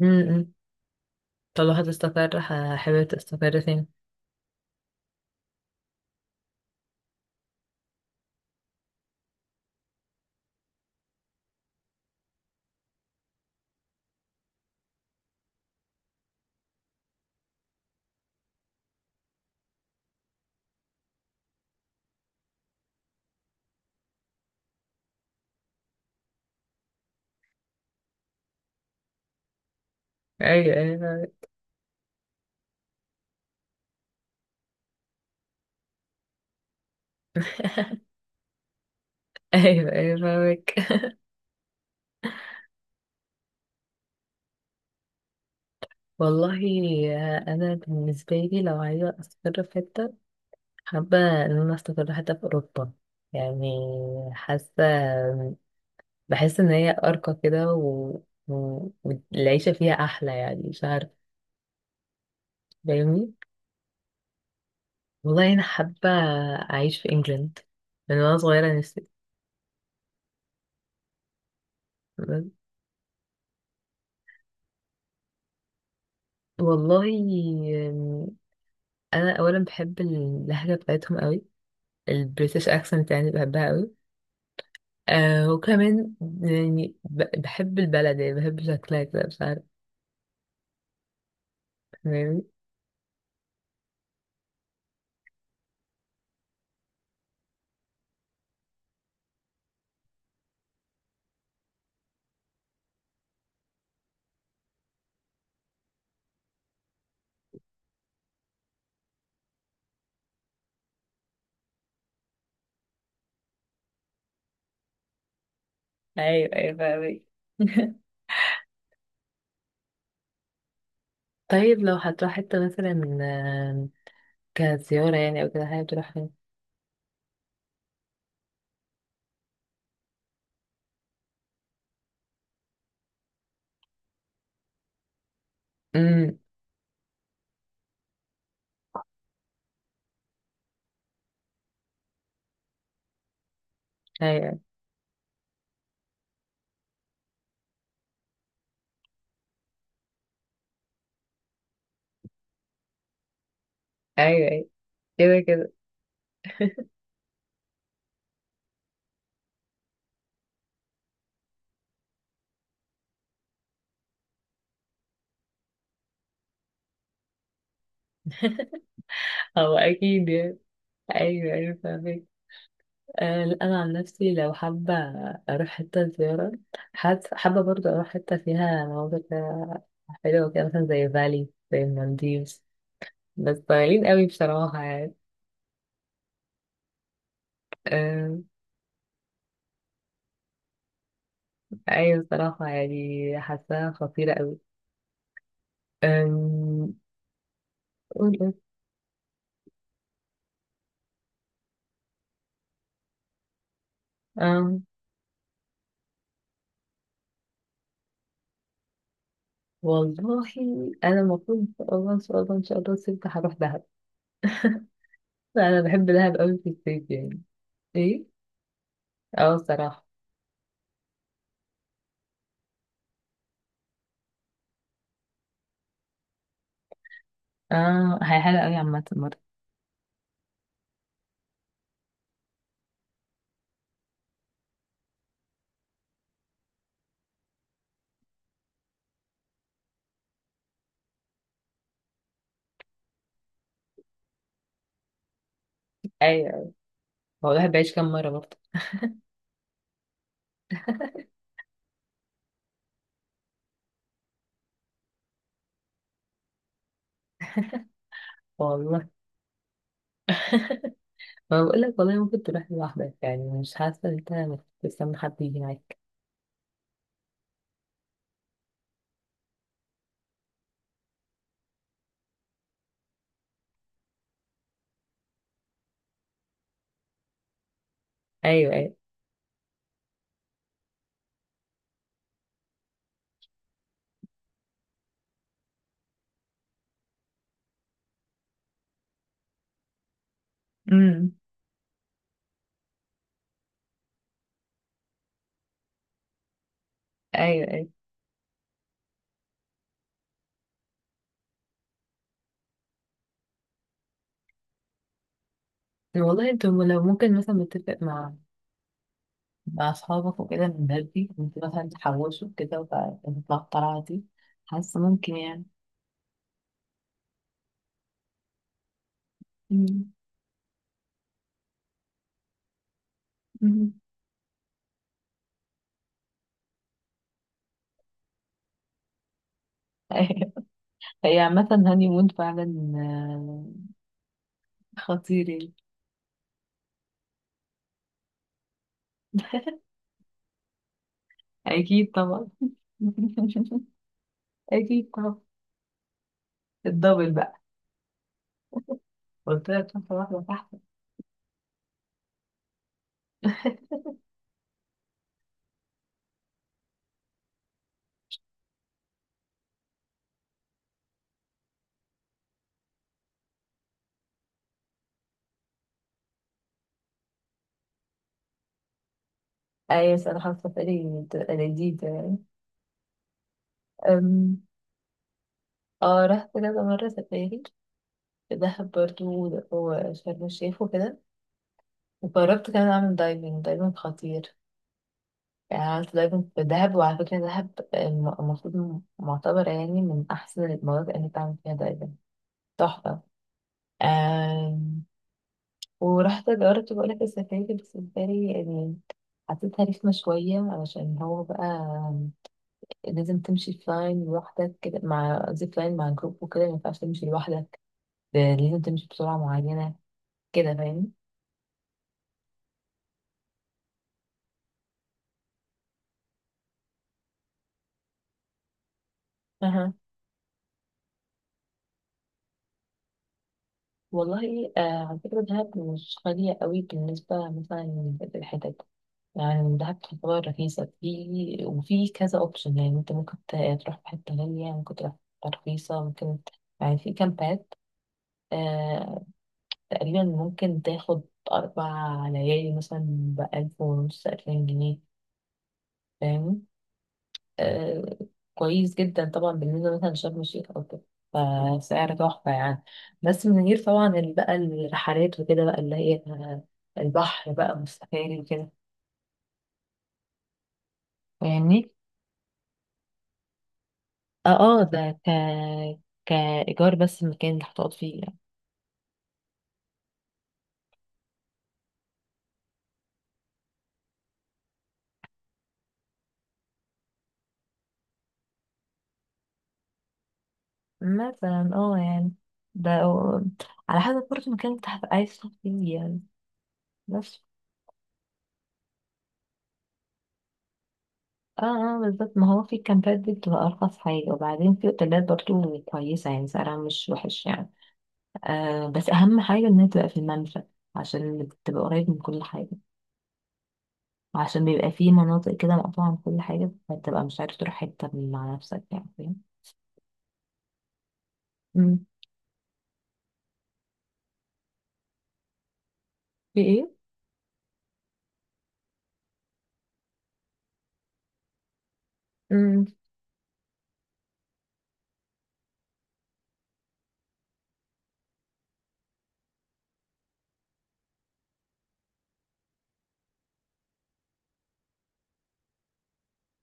امم فلو هتستقر حابب تستقر فين؟ ايوه ايوه فاهمك. ايوه ايوه فاهمك. والله انا بالنسبه لي لو عايزه استقر في حته، حابه ان انا استقر حتى في اوروبا يعني. حاسه بحس ان هي ارقى كده والعيشه فيها احلى يعني مش عارفه، فاهمني. والله انا حابه اعيش في انجلند من وانا صغيره نفسي. والله انا اولا بحب اللهجه بتاعتهم قوي، البريتش اكسنت يعني بحبها قوي. وكمان يعني بحب البلد يعني بحب شكلها كده مش عارفة، فاهماني؟ ايوه ايوه فاهمك. طيب لو هتروح حتة مثلا كزيارة يعني أو كده، حابب تروح فين؟ أمم، أيوة. أيوه أيوه. كده كده. هو أكيد يعني. أيوه أيوه فاهمك. لا، أنا عن نفسي لو حابة أروح حتة زيارة، حابة حابة برضه أروح حتة فيها مناظر كده حلوة، كده مثلا زي فالي، زي المالديفز. بس طويلين قوي بصراحة يعني. أم، أيوة. بصراحة يعني حاساها خطيرة قوي. أم، قول إيه؟ أم، والله أنا المفروض إن شاء الله إن شاء الله إن شاء الله الصيف هروح دهب. أنا بحب دهب قوي في الصيف يعني. إيه؟ بصراحة. هي حلوة قوي عامة مرة. أيوة، هو الواحد بيعيش كام مرة برضه. والله، ما بقول لك والله ممكن تروح لوحدك يعني، مش حاسة إن أنت مستني حد يجي معاك. أيوة أيوة. أمم. ايوه ايوه. والله انتوا لو ممكن مثلا نتفق مع أصحابك وكده من بدري، انت مثلا تحوشوا كده وتطلعوا الطلعة دي، حاسة ممكن يعني. مم. مم. هي عامة هاني مون فعلا، خطير يعني. أكيد طبعا. أكيد طبعا. الدبل بقى، قلت لك خطوة واحدة تحت. أيوة، بس أنا حاسة سفري بتبقى لذيذة يعني. أم، اه رحت كذا مرة سفاري في دهب برضه وشرم الشيخ وكده، وجربت كمان أعمل دايفنج. دايفنج خطير يعني. عملت دايفنج في دهب، وعلى فكرة دهب المفروض معتبرة يعني من أحسن المناطق اللي تعمل فيها دايفنج. تحفة. آم، ورحت جربت، بقولك السفاري بس السفاري يعني حسيتها رخمة شوية، علشان هو بقى لازم تمشي في لاين لوحدك كده مع زيب لاين مع جروب وكده، مينفعش تمشي لوحدك، ده لازم تمشي بسرعة معينة كده، فاهم. أها. والله على فكرة دهب مش غالية قوي بالنسبة مثلا للحتت، يعني من دهب تعتبر رخيصة، في وفي كذا اوبشن. يعني انت ممكن تروح في حتة غالية، ممكن تروح في حتة رخيصة، ممكن يعني في كامبات، آه تقريبا ممكن تاخد 4 ليالي مثلا بألف ونص، 2000 جنيه، فاهم. آه كويس جدا طبعا بالنسبة مثلا لشرم الشيخ أو كده، فسعر تحفة يعني، بس من غير طبعا بقى الرحلات وكده بقى اللي هي البحر بقى والسفاري وكده، فاهمني. اه اه، ده كإيجار بس المكان اللي هتقعد فيه يعني. مثلا يعني ده على حسب برضه المكان اللي هتبقى عايز تقعد فيه يعني. بس اه اه بالظبط، ما هو في الكامبات دي بتبقى أرخص حاجة، وبعدين في أوتيلات برضه كويسة يعني سعرها مش وحش يعني. بس أهم حاجة إنها تبقى في الممشى عشان تبقى قريب من كل حاجة، وعشان بيبقى في مناطق كده مقطوعة من كل حاجة فتبقى مش عارف تروح حتة مع نفسك يعني، فاهم؟ مم. في ايه؟ مم.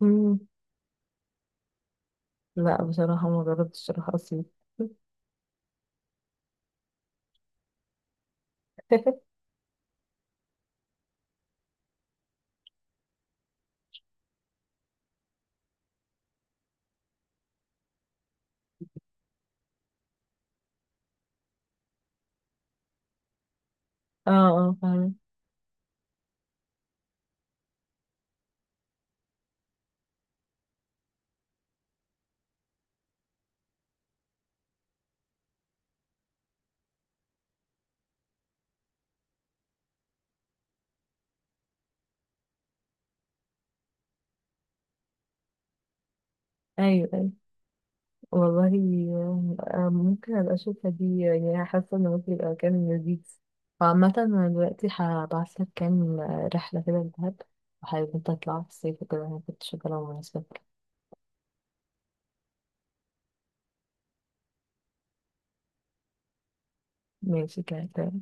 مم. لا بصراحة ما جربتش اروح اسيوط. اه اه فاهمة. ايوه ايوه. والله آم، آم، ممكن ابقى اشوفها دي، يعني حاسة ان ممكن يبقى مكان لذيذ. وعامة انا دلوقتي هبعتلك كام رحلة كده لدهب، وحابب انت تطلع في الصيف وكده، انا كنت شغالة ومناسبة. ماشي كده.